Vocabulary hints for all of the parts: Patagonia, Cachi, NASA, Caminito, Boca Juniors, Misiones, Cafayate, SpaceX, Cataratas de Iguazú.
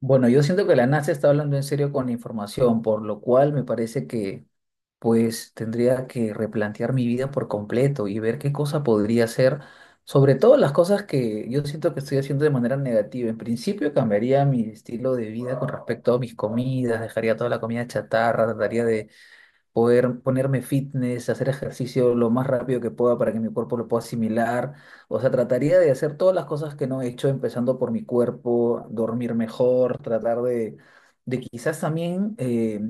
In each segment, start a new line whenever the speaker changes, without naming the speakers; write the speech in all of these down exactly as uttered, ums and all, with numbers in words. Bueno, yo siento que la NASA está hablando en serio con la información, por lo cual me parece que pues tendría que replantear mi vida por completo y ver qué cosa podría hacer, sobre todo las cosas que yo siento que estoy haciendo de manera negativa. En principio cambiaría mi estilo de vida con respecto a mis comidas, dejaría toda la comida chatarra, trataría poder ponerme fitness, hacer ejercicio lo más rápido que pueda para que mi cuerpo lo pueda asimilar. O sea, trataría de hacer todas las cosas que no he hecho, empezando por mi cuerpo, dormir mejor, tratar de, de quizás también eh,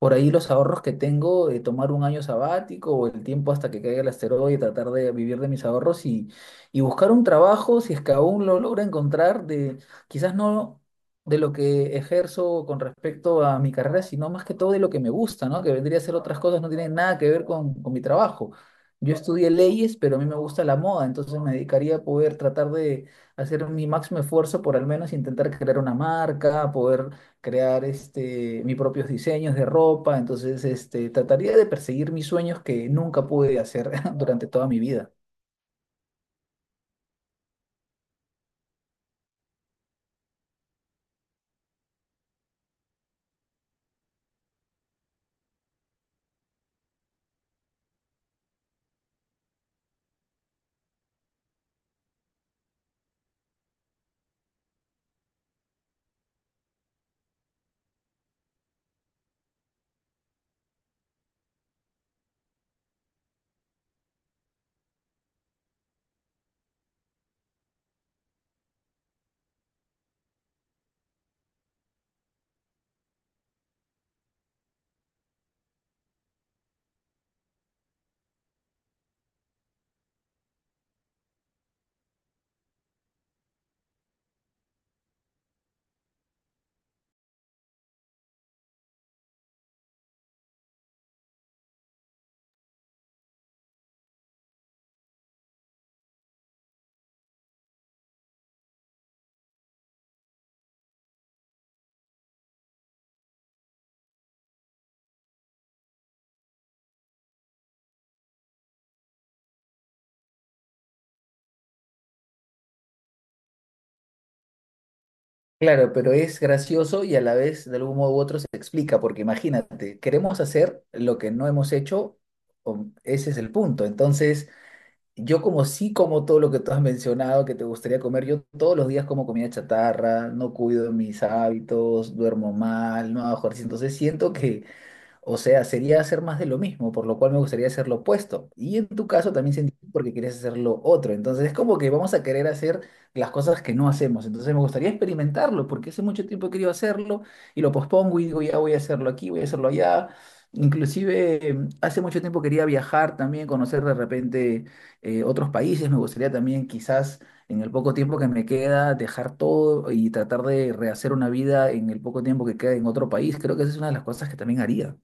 por ahí los ahorros que tengo, eh, tomar un año sabático o el tiempo hasta que caiga el asteroide, tratar de vivir de mis ahorros y, y buscar un trabajo, si es que aún lo logro encontrar, de, quizás no de lo que ejerzo con respecto a mi carrera, sino más que todo de lo que me gusta, ¿no? Que vendría a ser otras cosas, no tienen nada que ver con, con mi trabajo. Yo estudié leyes, pero a mí me gusta la moda, entonces me dedicaría a poder tratar de hacer mi máximo esfuerzo por al menos intentar crear una marca, poder crear este, mis propios diseños de ropa, entonces este, trataría de perseguir mis sueños que nunca pude hacer durante toda mi vida. Claro, pero es gracioso y a la vez de algún modo u otro se explica, porque imagínate, queremos hacer lo que no hemos hecho, o- ese es el punto. Entonces, yo como sí como todo lo que tú has mencionado que te gustaría comer, yo todos los días como comida chatarra, no cuido mis hábitos, duermo mal, no hago ejercicio, entonces siento que o sea, sería hacer más de lo mismo, por lo cual me gustaría hacer lo opuesto. Y en tu caso también se entiende porque quieres hacer lo otro. Entonces es como que vamos a querer hacer las cosas que no hacemos. Entonces me gustaría experimentarlo porque hace mucho tiempo he querido hacerlo y lo pospongo y digo, ya voy a hacerlo aquí, voy a hacerlo allá. Inclusive em, hace mucho tiempo quería viajar también, conocer de repente eh, otros países. Me gustaría también quizás en el poco tiempo que me queda, dejar todo y tratar de rehacer una vida en el poco tiempo que queda en otro país. Creo que esa es una de las cosas que también haría.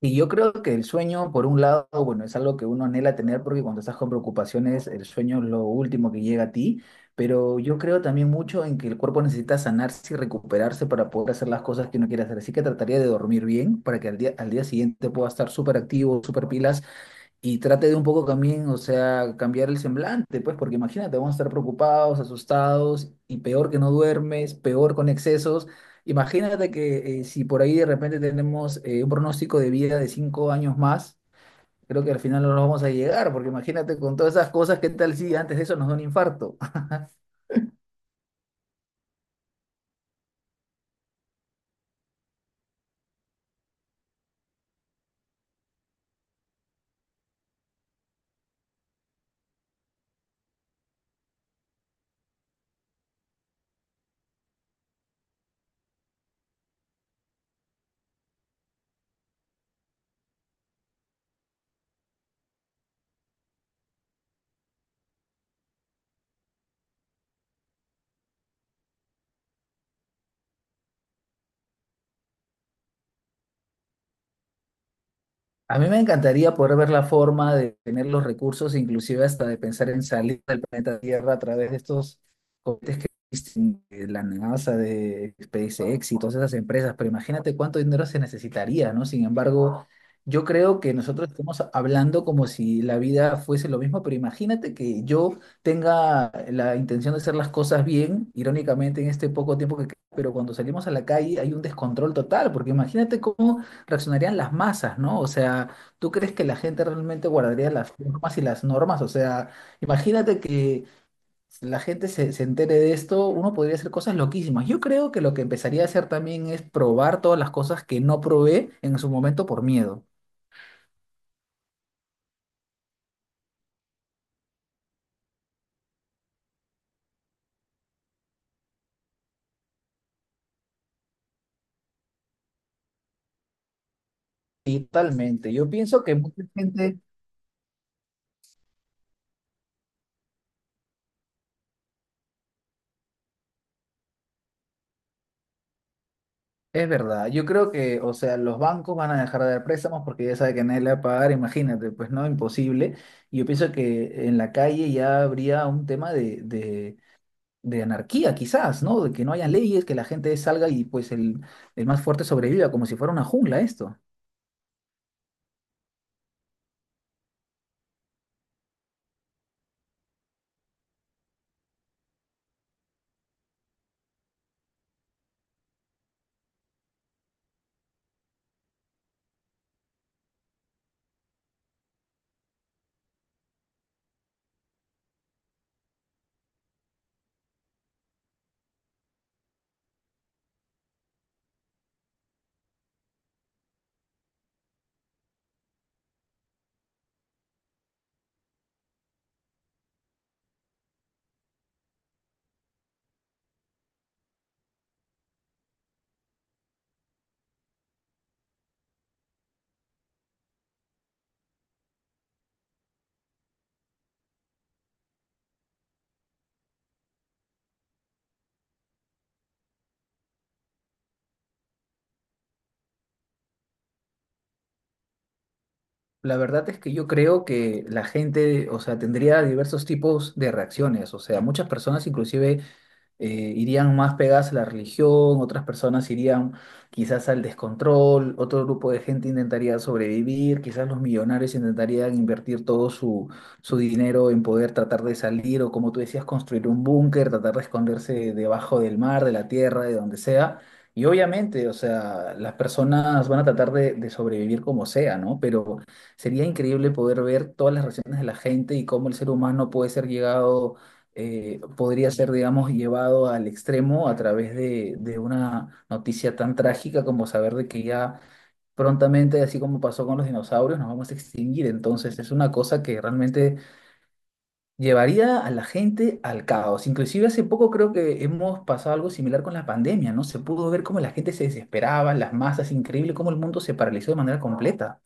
Y yo creo que el sueño, por un lado, bueno, es algo que uno anhela tener porque cuando estás con preocupaciones, el sueño es lo último que llega a ti, pero yo creo también mucho en que el cuerpo necesita sanarse y recuperarse para poder hacer las cosas que uno quiere hacer. Así que trataría de dormir bien para que al día, al día siguiente pueda estar súper activo, súper pilas y trate de un poco también, o sea, cambiar el semblante, pues, porque imagínate, vamos a estar preocupados, asustados, y peor que no duermes, peor con excesos. Imagínate que eh, si por ahí de repente tenemos eh, un pronóstico de vida de cinco años más, creo que al final no nos vamos a llegar, porque imagínate con todas esas cosas, ¿qué tal si antes de eso nos da un infarto? A mí me encantaría poder ver la forma de tener los recursos, inclusive hasta de pensar en salir del planeta Tierra a través de estos cohetes que existen de la NASA, de SpaceX y todas esas empresas, pero imagínate cuánto dinero se necesitaría, ¿no? Sin embargo, yo creo que nosotros estamos hablando como si la vida fuese lo mismo, pero imagínate que yo tenga la intención de hacer las cosas bien, irónicamente en este poco tiempo que queda, pero cuando salimos a la calle hay un descontrol total, porque imagínate cómo reaccionarían las masas, ¿no? O sea, ¿tú crees que la gente realmente guardaría las normas y las normas? O sea, imagínate que la gente se, se entere de esto, uno podría hacer cosas loquísimas. Yo creo que lo que empezaría a hacer también es probar todas las cosas que no probé en su momento por miedo. Y totalmente. Yo pienso que mucha gente... Es verdad, yo creo que, o sea, los bancos van a dejar de dar préstamos porque ya sabe que nadie le va a pagar, imagínate, pues no, imposible. Y yo pienso que en la calle ya habría un tema de, de- de anarquía quizás, ¿no? De que no haya leyes, que la gente salga y pues el, el más fuerte sobreviva, como si fuera una jungla esto. La verdad es que yo creo que la gente, o sea, tendría diversos tipos de reacciones, o sea, muchas personas inclusive eh, irían más pegadas a la religión, otras personas irían quizás al descontrol, otro grupo de gente intentaría sobrevivir, quizás los millonarios intentarían invertir todo su, su dinero en poder tratar de salir o como tú decías, construir un búnker, tratar de esconderse debajo del mar, de la tierra, de donde sea. Y obviamente, o sea, las personas van a tratar de, de sobrevivir como sea, ¿no? Pero sería increíble poder ver todas las reacciones de la gente y cómo el ser humano puede ser llegado eh, podría ser, digamos, llevado al extremo a través de, de una noticia tan trágica como saber de que ya prontamente, así como pasó con los dinosaurios, nos vamos a extinguir. Entonces es una cosa que realmente llevaría a la gente al caos. Inclusive hace poco creo que hemos pasado algo similar con la pandemia, ¿no? Se pudo ver cómo la gente se desesperaba, las masas, increíble cómo el mundo se paralizó de manera completa.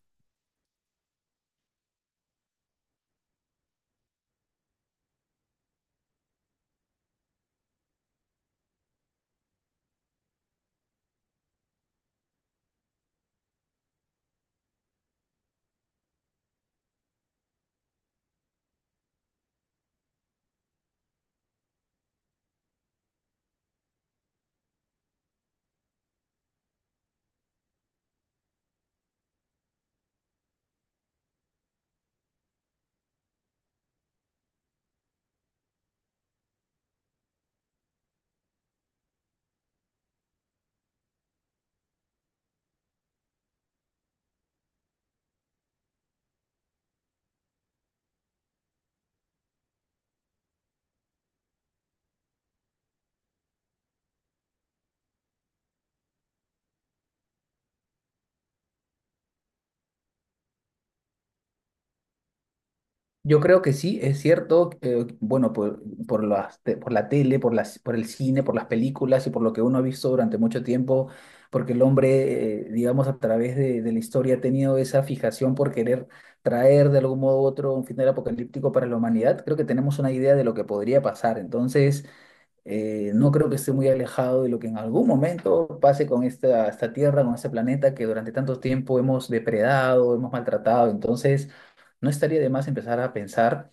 Yo creo que sí, es cierto, eh, bueno, por, por las te- por la tele, por las, por el cine, por las películas y por lo que uno ha visto durante mucho tiempo, porque el hombre, eh, digamos, a través de, de la historia ha tenido esa fijación por querer traer de algún modo u otro un final apocalíptico para la humanidad, creo que tenemos una idea de lo que podría pasar. Entonces, eh, no creo que esté muy alejado de lo que en algún momento pase con esta, esta Tierra, con este planeta que durante tanto tiempo hemos depredado, hemos maltratado. Entonces, no estaría de más empezar a pensar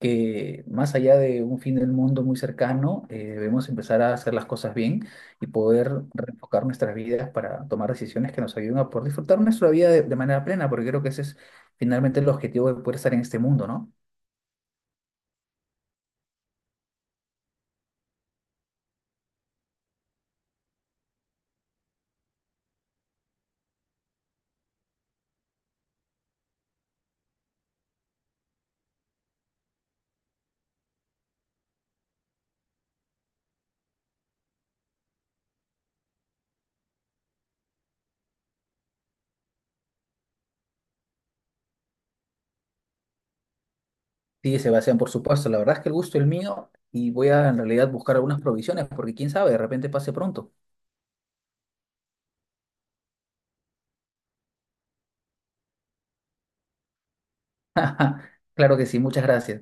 que más allá de un fin del mundo muy cercano, eh, debemos empezar a hacer las cosas bien y poder reenfocar nuestras vidas para tomar decisiones que nos ayuden a poder disfrutar nuestra vida de, de manera plena, porque creo que ese es finalmente el objetivo de poder estar en este mundo, ¿no? Sí, Sebastián, por supuesto, la verdad es que el gusto es mío y voy a en realidad buscar algunas provisiones, porque quién sabe, de repente pase pronto. Claro que sí, muchas gracias.